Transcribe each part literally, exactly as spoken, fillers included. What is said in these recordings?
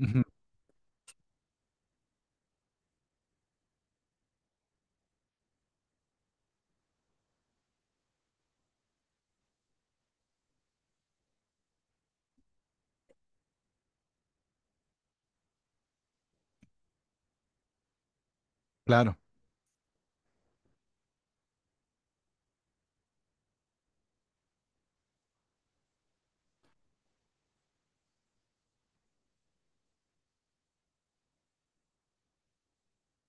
Ujú, Claro,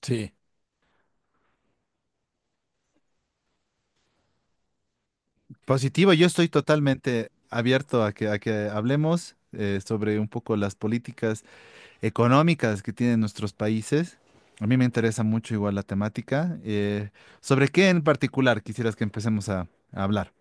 sí. Positivo, yo estoy totalmente abierto a que, a que hablemos, eh, sobre un poco las políticas económicas que tienen nuestros países. A mí me interesa mucho igual la temática. Eh, ¿sobre qué en particular quisieras que empecemos a, a hablar?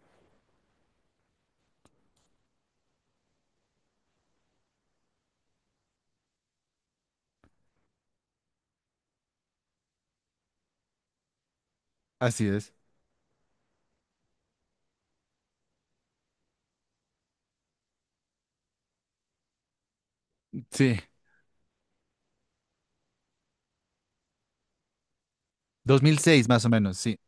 Así es. Sí, dos mil seis más o menos, sí.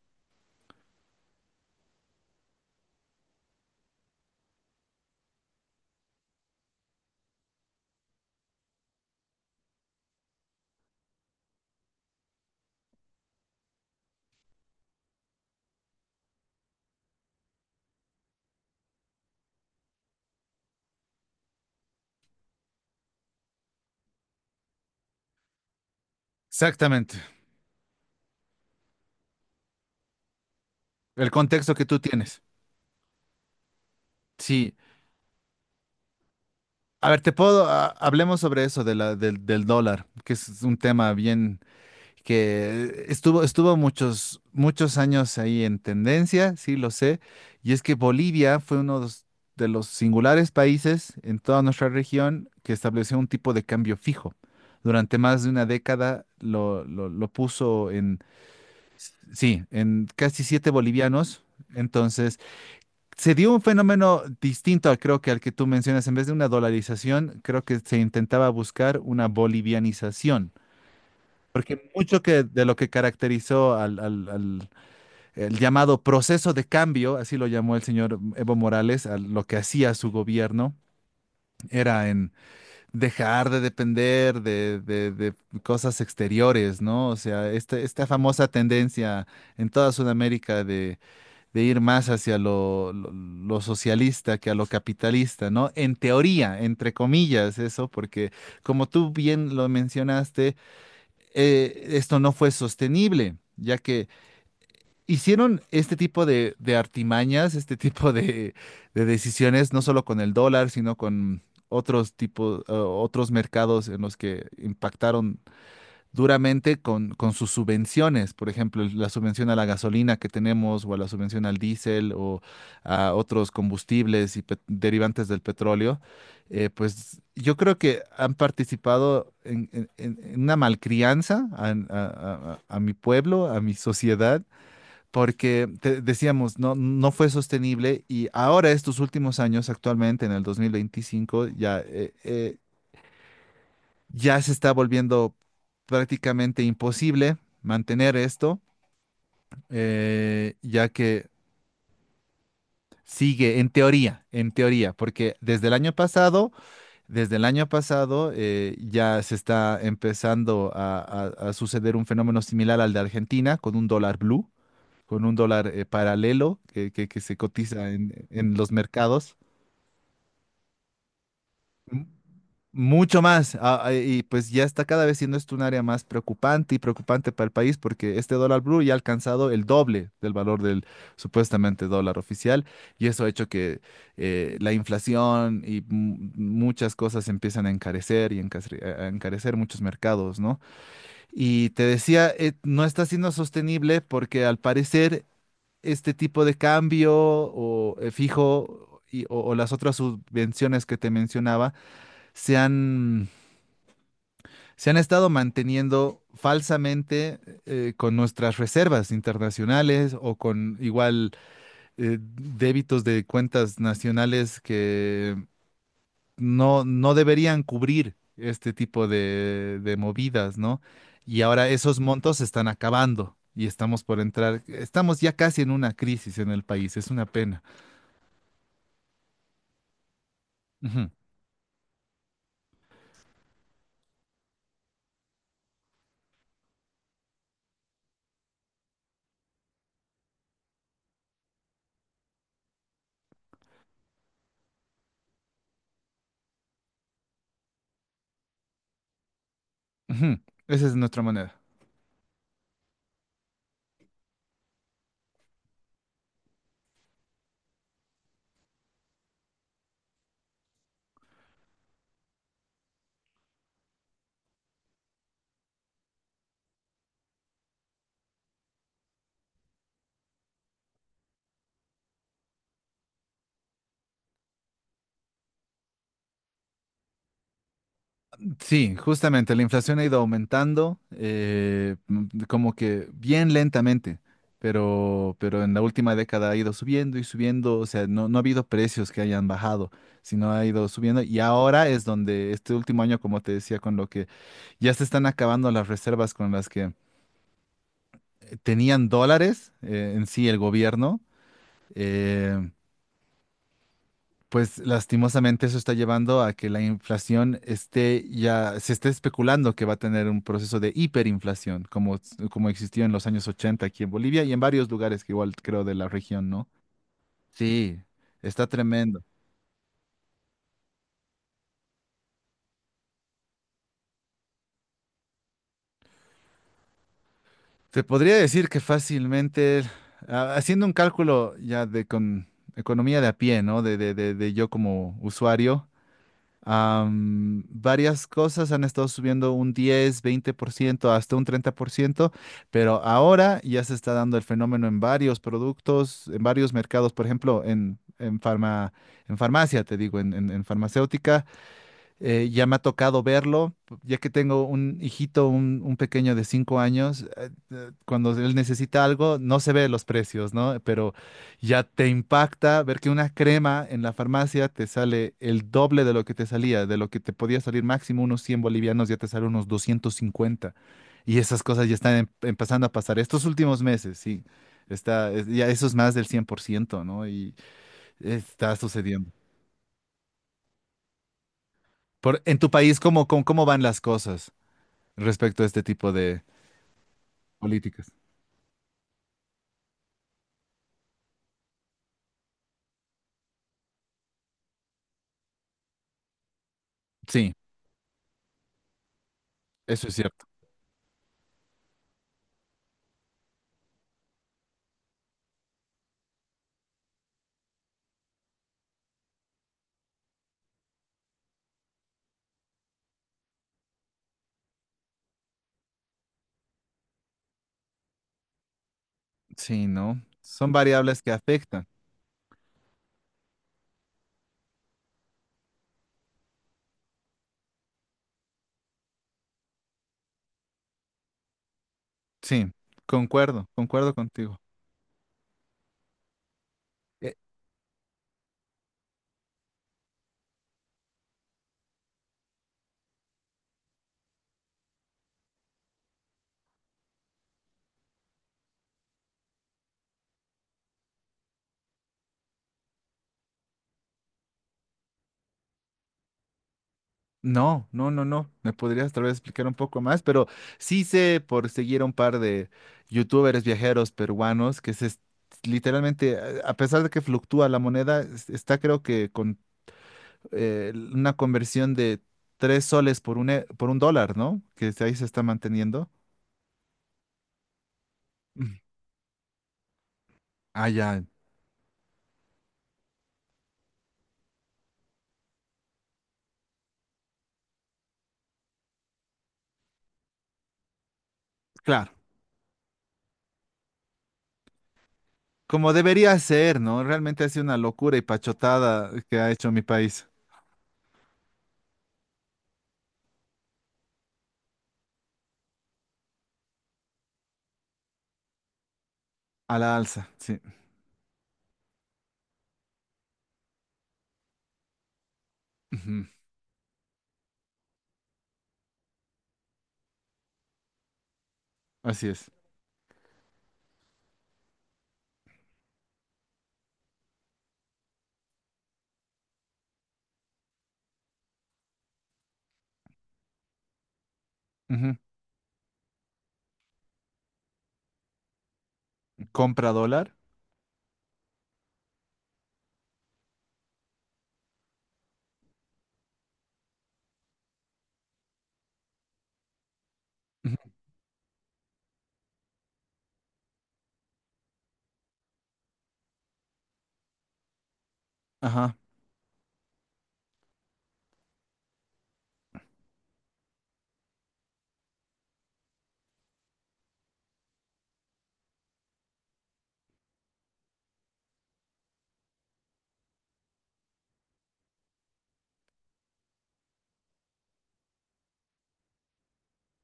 Exactamente. El contexto que tú tienes. Sí. A ver, te puedo, ah, hablemos sobre eso de la, del, del dólar, que es un tema bien que estuvo, estuvo muchos, muchos años ahí en tendencia, sí lo sé, y es que Bolivia fue uno de los de los singulares países en toda nuestra región que estableció un tipo de cambio fijo. Durante más de una década lo, lo- lo puso en, sí, en casi siete bolivianos. Entonces, se dio un fenómeno distinto, al- creo que al que tú mencionas. En vez de una dolarización, creo que se intentaba buscar una bolivianización. Mucho que de lo que caracterizó al, al- al- el llamado proceso de cambio, así lo llamó el señor Evo Morales, a lo que hacía su gobierno, era en dejar de depender de, de- de cosas exteriores, ¿no? O sea, este- esta famosa tendencia en toda Sudamérica de, de ir más hacia lo, lo- lo socialista que a lo capitalista, ¿no? En teoría, entre comillas, eso, porque como tú bien lo mencionaste, eh, esto no fue sostenible, ya que hicieron este tipo de, de artimañas, este tipo de, de decisiones, no solo con el dólar, sino con otros tipos, eh, otros mercados en los que impactaron duramente con, con sus subvenciones, por ejemplo, el- la subvención a la gasolina que tenemos o a la subvención al diésel o a otros combustibles y pet- derivantes del petróleo, eh, pues yo creo que han participado en, en- en- en una malcrianza a, a- a- a mi pueblo, a mi sociedad, porque te- decíamos, no, no fue sostenible y ahora estos últimos años, actualmente en el dos mil veinticinco, ya... eh, eh, ya se está volviendo prácticamente imposible mantener esto, eh, ya que sigue en teoría, en teoría, porque desde el año pasado, desde el año pasado eh, ya se está empezando a, a- a suceder un fenómeno similar al de Argentina con un dólar blue, con un dólar eh, paralelo que, que- que se cotiza en en los mercados. Mucho más. ah, ah, y pues ya está cada vez siendo esto un área más preocupante y preocupante para el país porque este dólar blue ya ha alcanzado el doble del valor del supuestamente dólar oficial y eso ha hecho que eh, la inflación y mu- muchas cosas empiezan a encarecer y encasre- a a encarecer muchos mercados, ¿no? Y te decía, eh, no está siendo sostenible porque al parecer este tipo de cambio o eh, fijo y- o o las otras subvenciones que te mencionaba se han se han estado manteniendo falsamente eh, con nuestras reservas internacionales o con igual eh, débitos de cuentas nacionales que no, no deberían cubrir este tipo de, de movidas, ¿no? Y ahora esos montos se están acabando y estamos por entrar, estamos ya casi en una crisis en el país, es una pena. Ujú, ujú. Esa es nuestra manera. Sí, justamente, la inflación ha ido aumentando, eh, m- como que bien lentamente, pero, pero en la última década ha ido subiendo y subiendo, o sea, no, no ha habido precios que hayan bajado, sino ha ido subiendo y ahora es donde este último año, como te decía, con lo que ya se están acabando las reservas con las que eh, tenían dólares eh, en sí el gobierno. eh, Pues lastimosamente eso está llevando a que la inflación esté ya, se esté especulando que va a tener un proceso de hiperinflación, como, como existió en los años ochenta aquí en Bolivia y en varios lugares que igual creo de la región, ¿no? Sí, está tremendo. Te podría decir que fácilmente, ah, haciendo un cálculo ya de con economía de a pie, ¿no? De, de, de, de yo como usuario, Am, varias cosas han estado subiendo un diez veinte por ciento hasta un treinta por ciento, pero ahora ya se está dando el fenómeno en varios productos, en varios mercados, por ejemplo, en, en, farma- en farmacia, te digo, en, en- en farmacéutica, eh, ya me ha tocado verlo, ya que tengo un hijito, un, un pequeño de cinco años, eh, eh, cuando él necesita algo, no se ve los precios, ¿no? Pero ya te impacta ver que una crema en la farmacia te sale el doble de lo que te salía, de lo que te podía salir máximo unos cien bolivianos, ya te sale unos doscientos cincuenta. Y esas cosas ya están em- empezando a pasar estos últimos meses, sí. Está, es- ya eso es más del cien por ciento, ¿no? Y está sucediendo. Por, en tu país, ¿cómo, cómo, cómo van las cosas respecto a este tipo de políticas? Sí, eso es cierto. Sí, ¿no? Son variables que afectan. Sí, concuerdo, concuerdo contigo. Eh, no, no, no, no. Me podrías tal vez explicar un poco más, pero sí sé por seguir a un par de youtubers viajeros peruanos que se es- literalmente, a a pesar de que fluctúa la moneda, es- está creo que con eh, una conversión de tres soles por un, e- por un dólar, ¿no? Que ahí se está manteniendo. Mm. Ah, ya, claro. Como debería ser, ¿no? Realmente ha sido una locura y pachotada que ha hecho mi país. A la alza, sí. Ujú, así es. Ujú. Compra dólar. Ujú, ajá.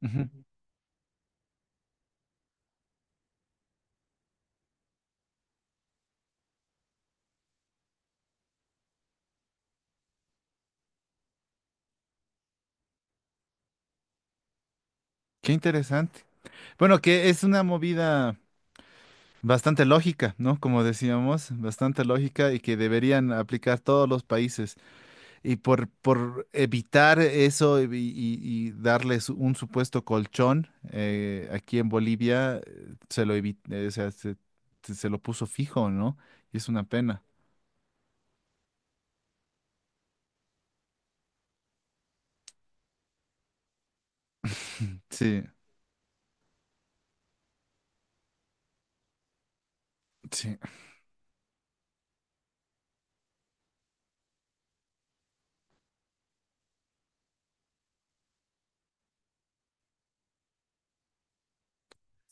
Ujú. Qué interesante. Bueno, que es una movida bastante lógica, ¿no? Como decíamos, bastante lógica y que deberían aplicar todos los países. Y por, por evitar eso y, y- y darles un supuesto colchón eh, aquí en Bolivia, eh, se lo evi- eh, o sea, se, se- se lo puso fijo, ¿no? Y es una pena. Sí, sí.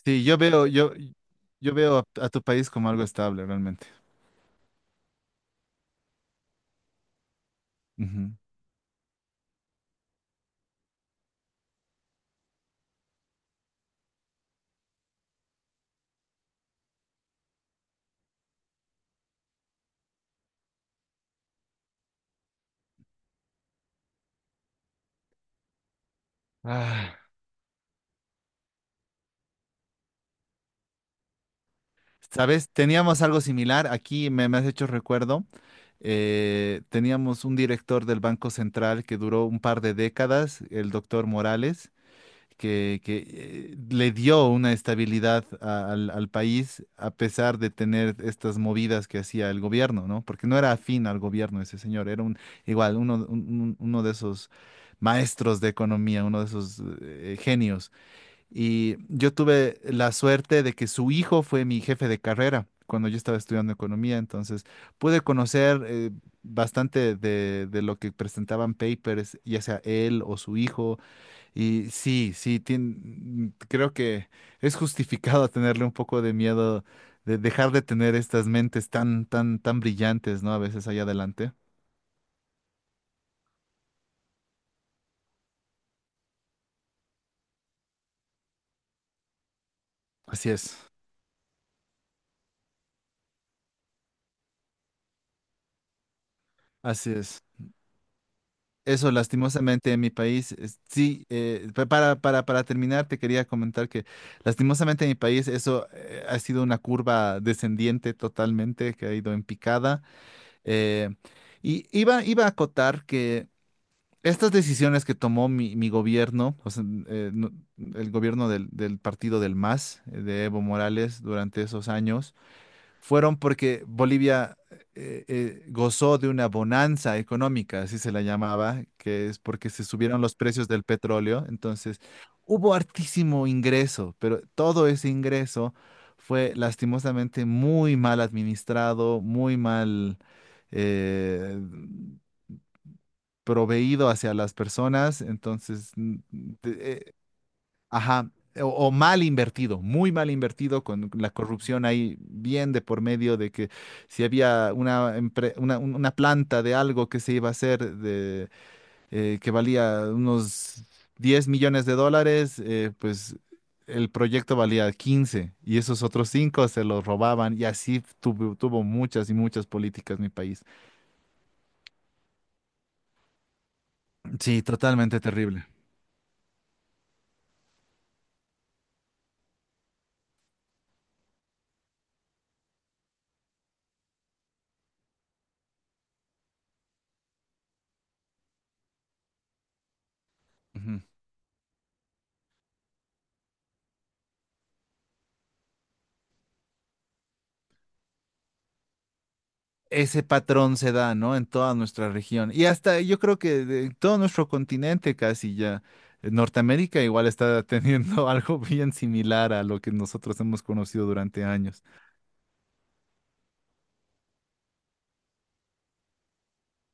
Sí, yo veo, yo, yo veo a, a tu país como algo estable, realmente. Ujú. Ah, ¿sabes? Teníamos algo similar. Aquí me, me has hecho recuerdo. eh, teníamos un director del Banco Central que duró un par de décadas, el doctor Morales que, que, eh, le dio una estabilidad a- al, al país a pesar de tener estas movidas que hacía el gobierno, ¿no? Porque no era afín al gobierno ese señor, era un igual, uno, un- un- uno de esos maestros de economía, uno de esos eh, genios. Y yo tuve la suerte de que su hijo fue mi jefe de carrera cuando yo estaba estudiando economía, entonces pude conocer. eh, Bastante de, de lo que presentaban papers, ya sea él o su hijo, y sí, sí, tien- creo que es justificado tenerle un poco de miedo de dejar de tener estas mentes tan, tan, tan brillantes, ¿no? A veces allá adelante. Así es, así es. Eso, lastimosamente, en mi país, es- sí, eh, pa- para, para, para terminar, te quería comentar que lastimosamente en mi país eso eh, ha sido una curva descendiente totalmente, que ha ido en picada. Eh, y iba, iba a acotar que estas decisiones que tomó mi, mi gobierno, o sea, eh, no- el gobierno del, del partido del MAS, eh, de Evo Morales, durante esos años, fueron porque Bolivia eh, eh, gozó de una bonanza económica, así se la llamaba, que es porque se subieron los precios del petróleo. Entonces, hubo hartísimo ingreso, pero todo ese ingreso fue lastimosamente muy mal administrado, muy mal eh, proveído hacia las personas, entonces, mm, de- eh, ajá, eh, o, o mal invertido, muy mal invertido, con la corrupción ahí bien de por medio de que si había una, empre- una, un- una planta de algo que se iba a hacer de, eh, que valía unos diez millones de dólares, eh, pues. El proyecto valía quince y esos otros cinco se los robaban y así tuvo, tuvo muchas y muchas políticas mi país. Sí, totalmente terrible. Ujú. Ese patrón se da, ¿no? En toda nuestra región. Y hasta yo creo que de todo nuestro continente casi ya. Eh, Norteamérica igual está teniendo algo bien similar a lo que nosotros hemos conocido durante años.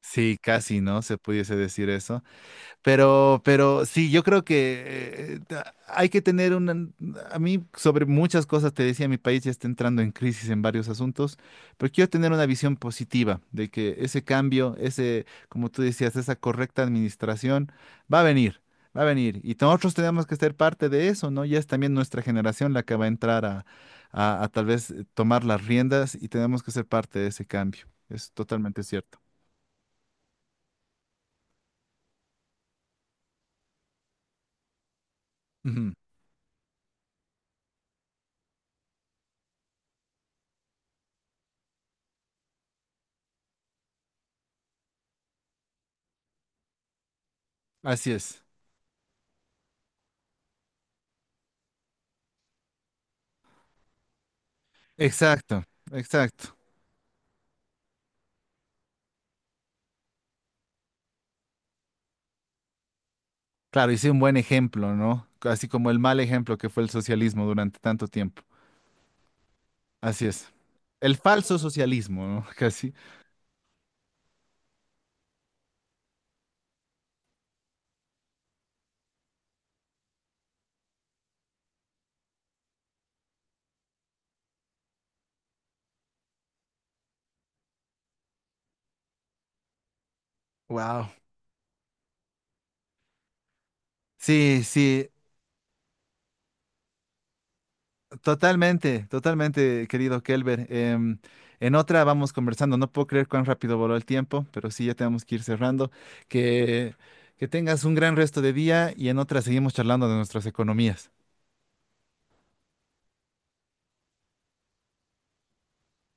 Sí, casi, ¿no? Se pudiese decir eso. Pero, pero sí, yo creo que eh, ta- hay que tener una. A mí sobre muchas cosas, te decía, mi país ya está entrando en crisis en varios asuntos, pero quiero tener una visión positiva de que ese cambio, ese, como tú decías, esa correcta administración va a venir, va a venir. Y nosotros tenemos que ser parte de eso, ¿no? Ya es también nuestra generación la que va a entrar a, a, a tal vez eh, tomar las riendas y tenemos que ser parte de ese cambio. Es totalmente cierto. Ujú, así es. Exacto, exacto. Claro, hice un buen ejemplo, ¿no? Así como el mal ejemplo que fue el socialismo durante tanto tiempo. Así es. El falso socialismo, ¿no? Casi. Wow. Sí, sí, totalmente, totalmente, querido Kelber. Em, en otra vamos conversando. No puedo creer cuán rápido voló el tiempo, pero sí, ya tenemos que ir cerrando. Que, que tengas un gran resto de día y en otra seguimos charlando de nuestras economías.